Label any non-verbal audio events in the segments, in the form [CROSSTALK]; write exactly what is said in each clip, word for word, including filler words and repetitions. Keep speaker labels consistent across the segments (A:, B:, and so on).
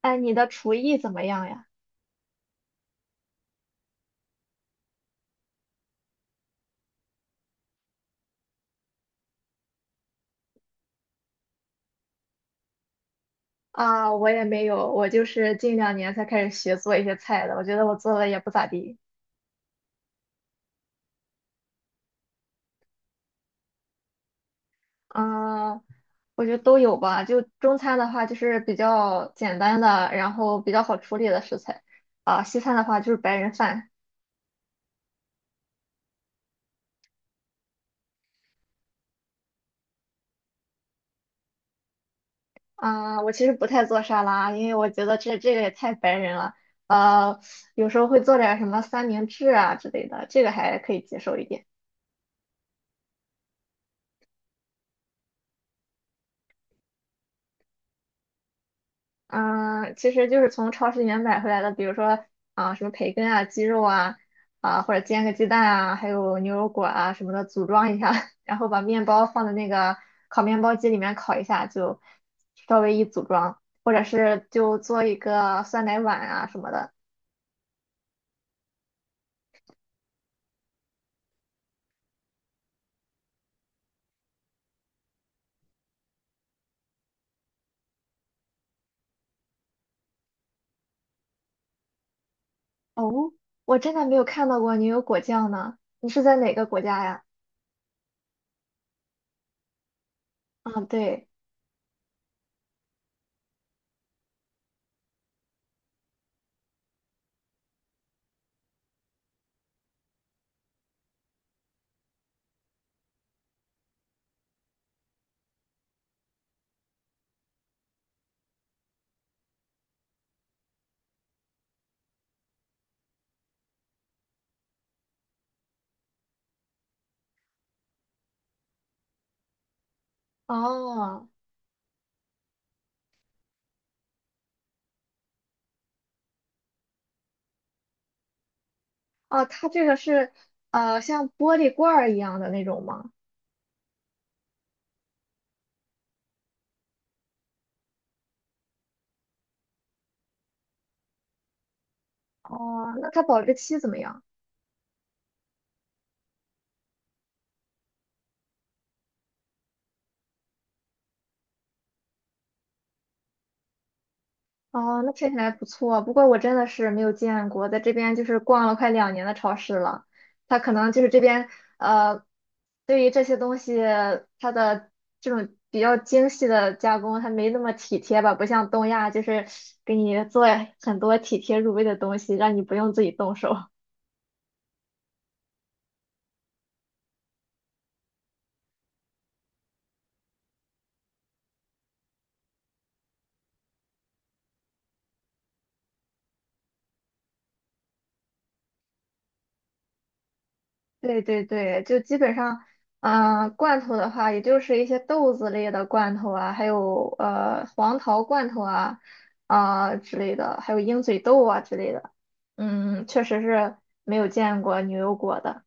A: 哎，你的厨艺怎么样呀？啊，我也没有，我就是近两年才开始学做一些菜的，我觉得我做的也不咋地。啊，我觉得都有吧。就中餐的话，就是比较简单的，然后比较好处理的食材。啊，西餐的话就是白人饭。啊，我其实不太做沙拉，因为我觉得这这个也太白人了。呃，有时候会做点什么三明治啊之类的，这个还可以接受一点。嗯，呃其实就是从超市里面买回来的，比如说啊、什么培根啊、鸡肉啊，啊、或者煎个鸡蛋啊，还有牛油果啊什么的，组装一下，[LAUGHS] 然后把面包放在那个烤面包机里面烤一下，就稍微一组装，或者是就做一个酸奶碗啊什么的。哦，我真的没有看到过牛油果酱呢。你是在哪个国家呀？啊，对。哦。哦，它这个是呃像玻璃罐儿一样的那种吗？哦，那它保质期怎么样？哦，那听起来不错。不过我真的是没有见过，在这边就是逛了快两年的超市了，它可能就是这边，呃，对于这些东西它的这种比较精细的加工，它没那么体贴吧，不像东亚就是给你做很多体贴入微的东西，让你不用自己动手。对对对，就基本上，嗯、罐头的话，也就是一些豆子类的罐头啊，还有呃黄桃罐头啊，啊、之类的，还有鹰嘴豆啊之类的。嗯，确实是没有见过牛油果的。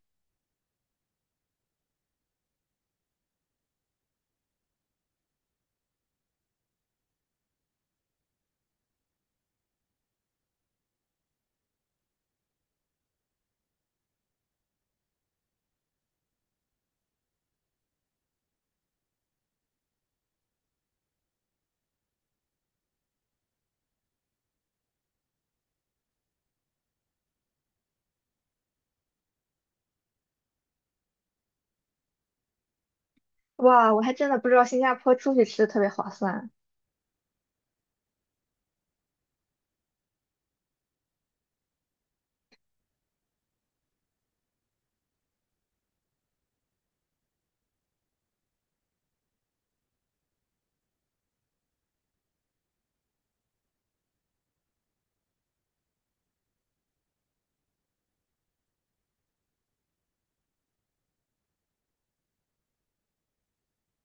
A: 哇，我还真的不知道新加坡出去吃特别划算。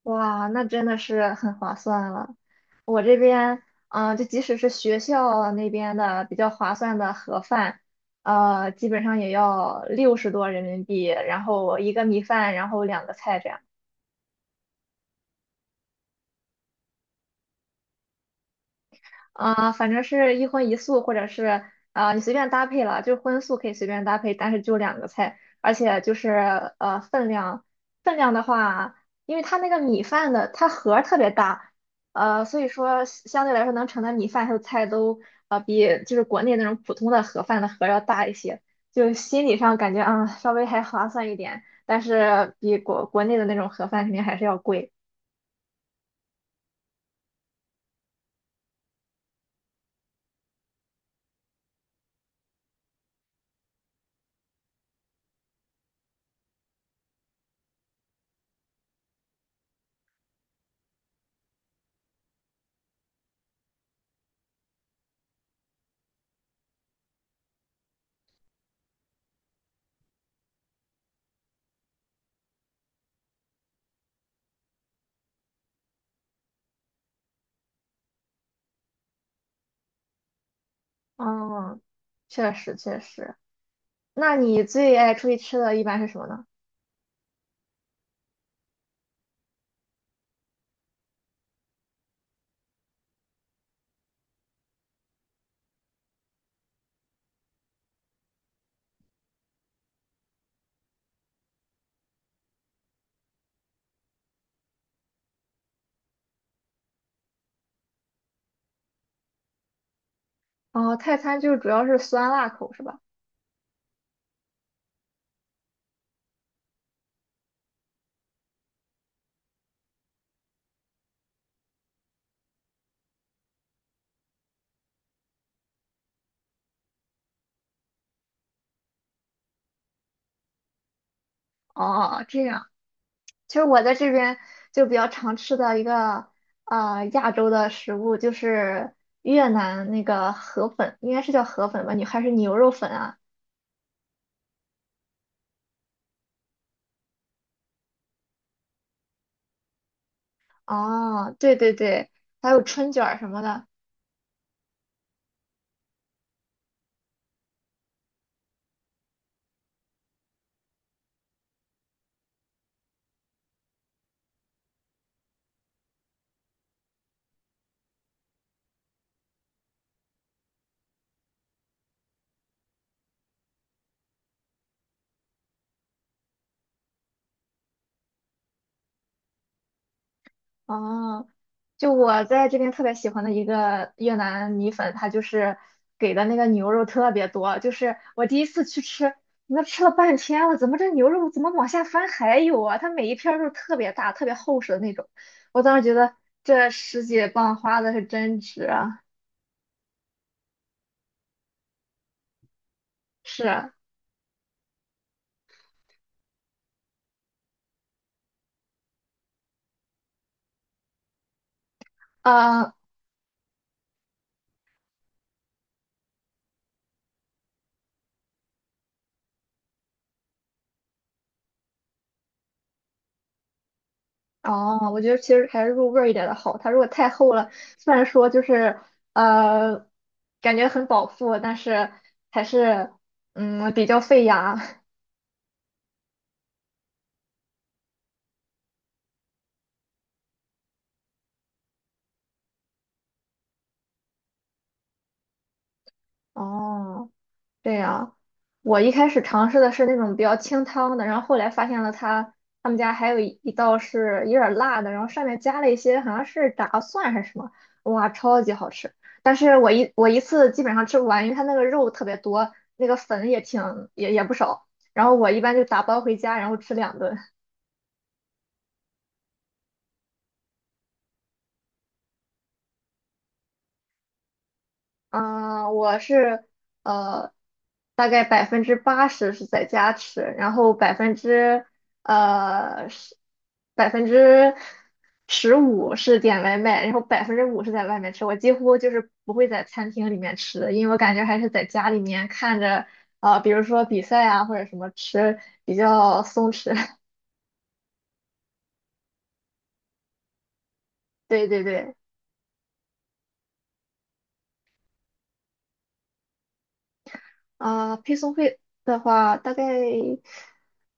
A: 哇，那真的是很划算了。我这边，嗯、就即使是学校那边的比较划算的盒饭，呃，基本上也要六十多人民币，然后一个米饭，然后两个菜这样。啊、反正是一荤一素，或者是啊，你随便搭配了，就是荤素可以随便搭配，但是就两个菜，而且就是呃分量，分量的话，因为它那个米饭的它盒儿特别大，呃，所以说相对来说能盛的米饭还有菜都呃比就是国内那种普通的盒饭的盒要大一些，就心理上感觉啊、稍微还划算一点，但是比国国内的那种盒饭肯定还是要贵。嗯，确实确实。那你最爱出去吃的一般是什么呢？哦，泰餐就是主要是酸辣口是吧？哦，这样。其实我在这边就比较常吃的一个啊亚洲的食物就是越南那个河粉，应该是叫河粉吧？你还是牛肉粉啊？哦，对对对，还有春卷儿什么的。哦，就我在这边特别喜欢的一个越南米粉，它就是给的那个牛肉特别多，就是我第一次去吃，那吃了半天了，怎么这牛肉怎么往下翻还有啊？它每一片儿肉特别大，特别厚实的那种，我当时觉得这十几磅花的是真值啊！是啊。呃哦，我觉得其实还是入味儿一点的好，它如果太厚了，虽然说就是呃感觉很饱腹，但是还是嗯比较费牙。哦，这样。我一开始尝试的是那种比较清汤的，然后后来发现了他他们家还有一一道是有点儿辣的，然后上面加了一些好像是炸蒜还是什么，哇，超级好吃！但是我一我一次基本上吃不完，因为它那个肉特别多，那个粉也挺也也不少，然后我一般就打包回家，然后吃两顿。嗯，我是呃，大概百分之八十是在家吃，然后百分之呃十百分之十五是点外卖，然后百分之五是在外面吃。我几乎就是不会在餐厅里面吃的，因为我感觉还是在家里面看着啊，比如说比赛啊或者什么吃比较松弛。[LAUGHS] 对对对。啊、配送费的话，大概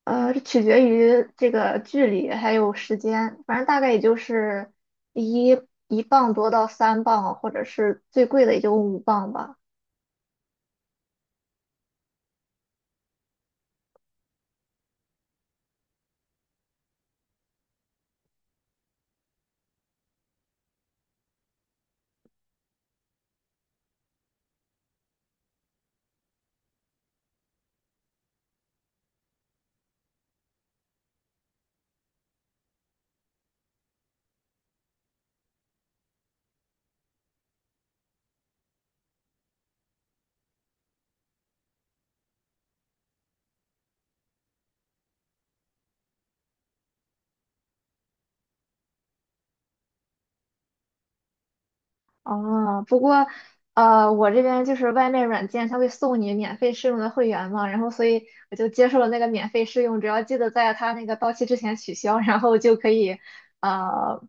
A: 呃取决于这个距离还有时间，反正大概也就是一一磅多到三磅，或者是最贵的也就五磅吧。哦，不过，呃，我这边就是外卖软件，它会送你免费试用的会员嘛，然后所以我就接受了那个免费试用，只要记得在它那个到期之前取消，然后就可以，呃，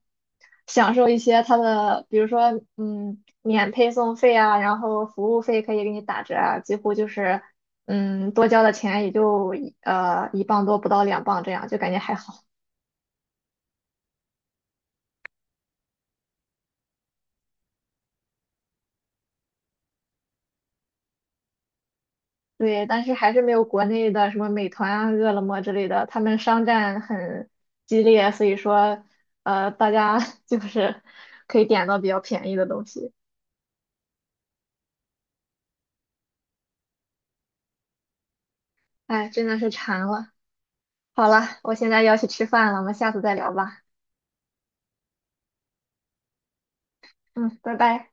A: 享受一些它的，比如说，嗯，免配送费啊，然后服务费可以给你打折啊，几乎就是，嗯，多交的钱也就一呃一磅多不到两磅这样，就感觉还好。对，但是还是没有国内的什么美团啊、饿了么之类的，他们商战很激烈，所以说，呃，大家 [LAUGHS] 就是可以点到比较便宜的东西。哎，真的是馋了。好了，我现在要去吃饭了，我们下次再聊吧。嗯，拜拜。